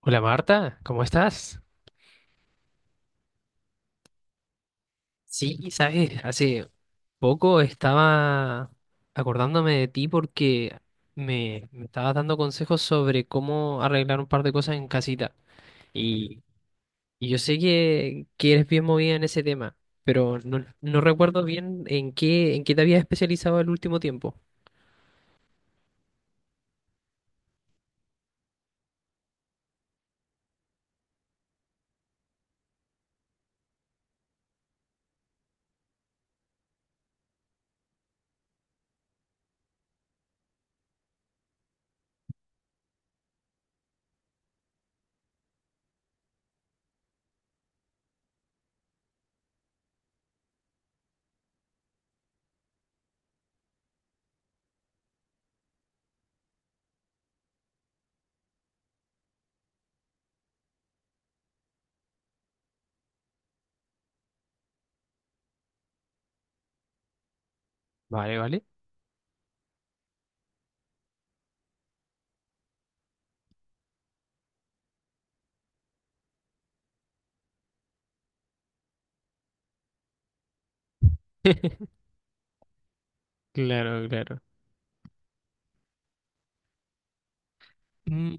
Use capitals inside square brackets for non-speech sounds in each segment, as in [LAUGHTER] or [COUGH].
Hola Marta, ¿cómo estás? Sí, sabes, hace poco estaba acordándome de ti porque me estabas dando consejos sobre cómo arreglar un par de cosas en casita. Y, y yo sé que eres bien movida en ese tema, pero no recuerdo bien en qué te habías especializado el último tiempo. Vale, vale. [LAUGHS] Claro, claro.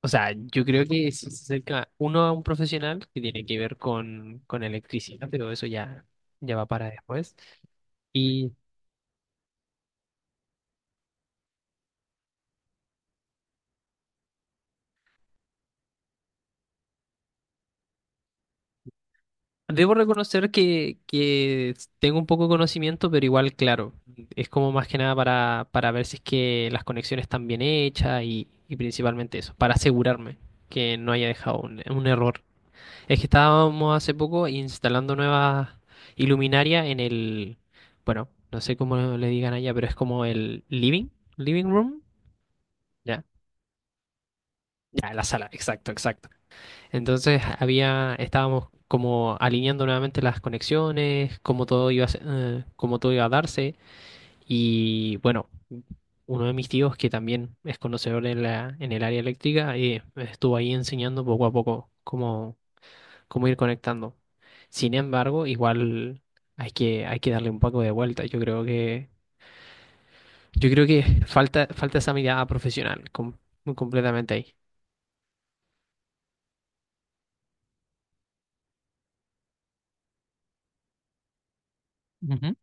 O sea, yo creo que si se acerca uno a un profesional que tiene que ver con electricidad, pero eso ya, ya va para después. Y debo reconocer que tengo un poco de conocimiento, pero igual, claro, es como más que nada para, para ver si es que las conexiones están bien hechas y principalmente eso, para asegurarme que no haya dejado un error. Es que estábamos hace poco instalando nuevas iluminarias en el, bueno, no sé cómo le digan allá, pero es como el living, living room, ya, ya, la sala, exacto, exacto. Entonces había, estábamos como alineando nuevamente las conexiones, cómo todo iba a, cómo todo iba a darse y bueno, uno de mis tíos que también es conocedor en la, en el área eléctrica me estuvo ahí enseñando poco a poco cómo ir conectando. Sin embargo, igual hay que darle un poco de vuelta. Yo creo que [LAUGHS] falta, falta esa mirada profesional muy completamente ahí. Ujú.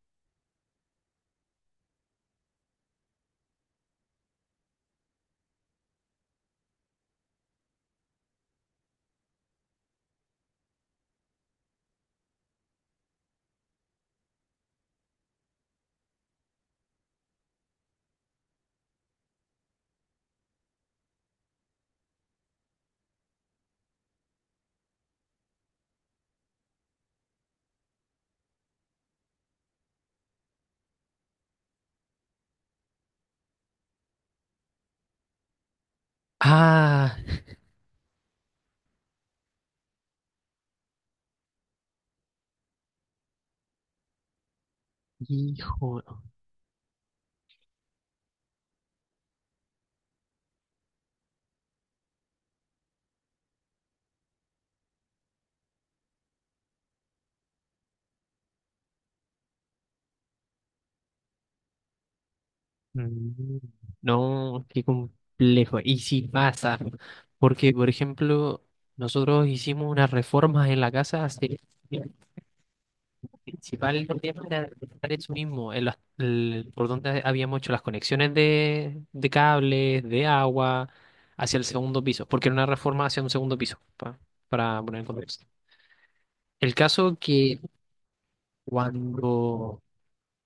Ah, hijo. mm, No, qué complejo. Y si pasa, porque por ejemplo, nosotros hicimos unas reformas en la casa hace principal tema era detectar eso mismo, en por donde habíamos hecho las conexiones de cables, de agua, hacia el segundo piso, porque era una reforma hacia un segundo piso, para poner en contexto. El caso que cuando,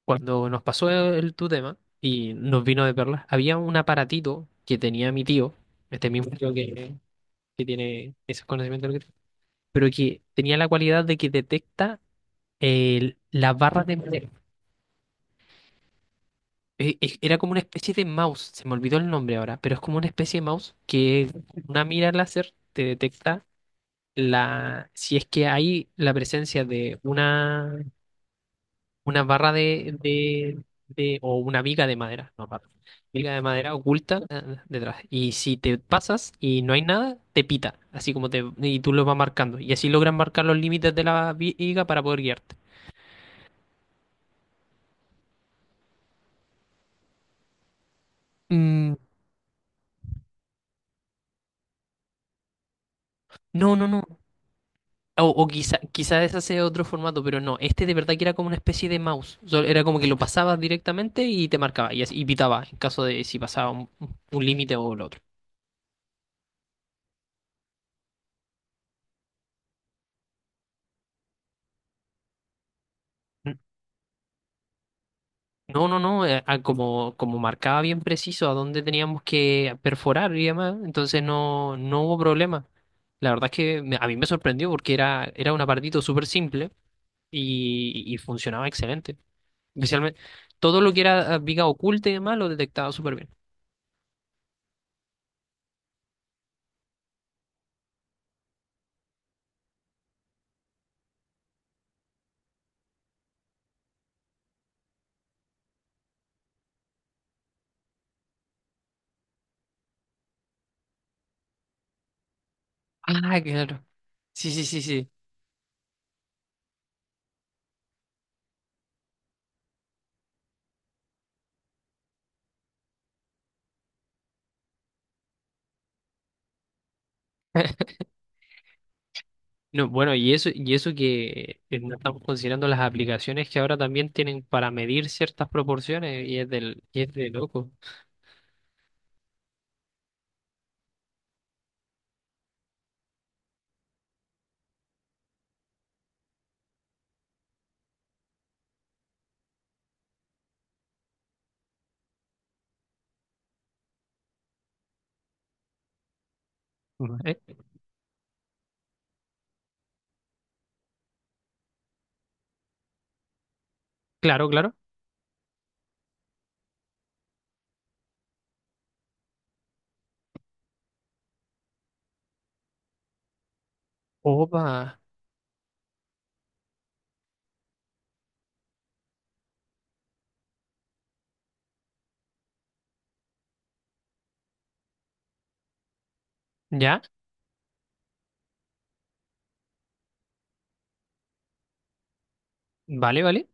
cuando nos pasó el, tu tema y nos vino de perlas, había un aparatito que tenía mi tío, este mismo tío que tiene esos conocimientos, pero que tenía la cualidad de que detecta las barras de madera. Era como una especie de mouse, se me olvidó el nombre ahora, pero es como una especie de mouse que una mira láser te detecta la, si es que hay la presencia de una barra de, o una viga de madera, no barra, viga de madera oculta detrás. Y si te pasas y no hay nada, te pita, así como te, y tú lo vas marcando. Y así logran marcar los límites de la viga para poder guiarte. Mm, no, no, no. O quizá, quizá ese sea otro formato, pero no, este de verdad que era como una especie de mouse. O sea, era como que lo pasabas directamente y te marcaba y, y pitaba en caso de si pasaba un límite o lo otro. N- No, no, no, como, como marcaba bien preciso a dónde teníamos que perforar y demás, entonces no, no hubo problema. La verdad es que a mí me sorprendió porque era, era un apartito súper simple y funcionaba excelente. Especialmente todo lo que era viga oculta y demás lo detectaba súper bien. Ah, claro. Sí, sí, sí, sí. No, bueno, y eso que no estamos considerando las aplicaciones que ahora también tienen para medir ciertas proporciones y es del, y es de loco. Ujú. Claro, claro. Opa, ya, vale, vale.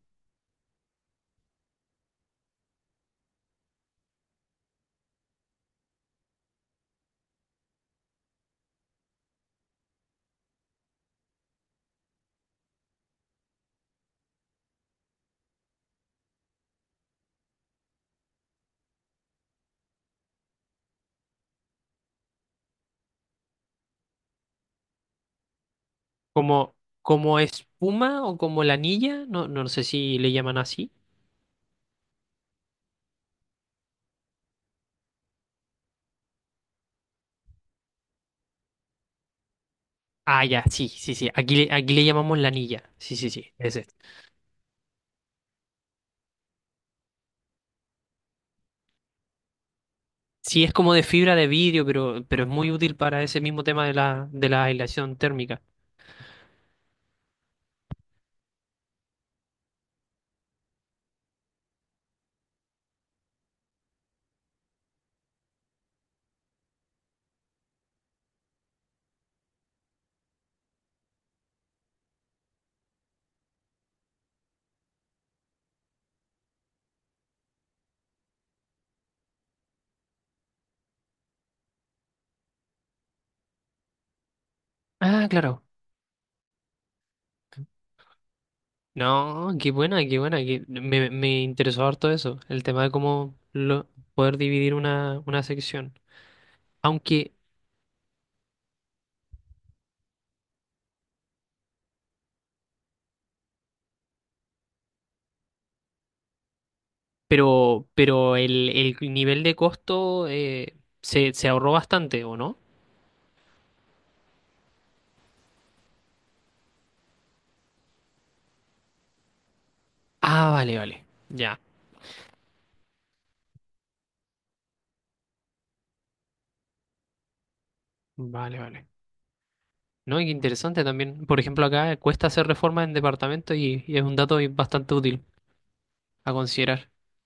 Como, como espuma o como la anilla, no, no sé si le llaman así. Ah, ya, sí, sí, sí. Aquí, aquí le llamamos la anilla. Sí, sí, sí, ese. Sí, es como de fibra de vidrio, pero es muy útil para ese mismo tema de la aislación térmica. Ah, claro. No, qué buena, qué buena. Me, me interesó harto eso, el tema de cómo lo, poder dividir una sección. Aunque, pero el nivel de costo se, se ahorró bastante, ¿o no? Ah, vale, vale. Ya, vale, vale. No, y qué interesante también. Por ejemplo, acá cuesta hacer reformas en departamento y es un dato bastante útil a considerar. [LAUGHS]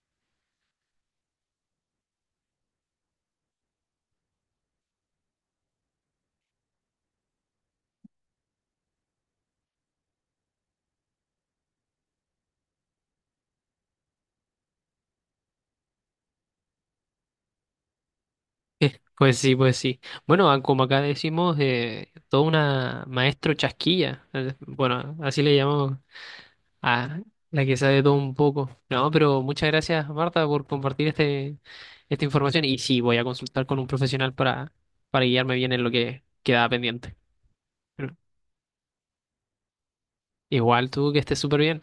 Pues sí, pues sí. Bueno, como acá decimos, toda una maestro chasquilla. Bueno, así le llamamos. Ah, la que sabe todo un poco. No, pero muchas gracias, Marta, por compartir este, esta información. Y sí, voy a consultar con un profesional para guiarme bien en lo que quedaba pendiente. Pero igual tú que estés súper bien.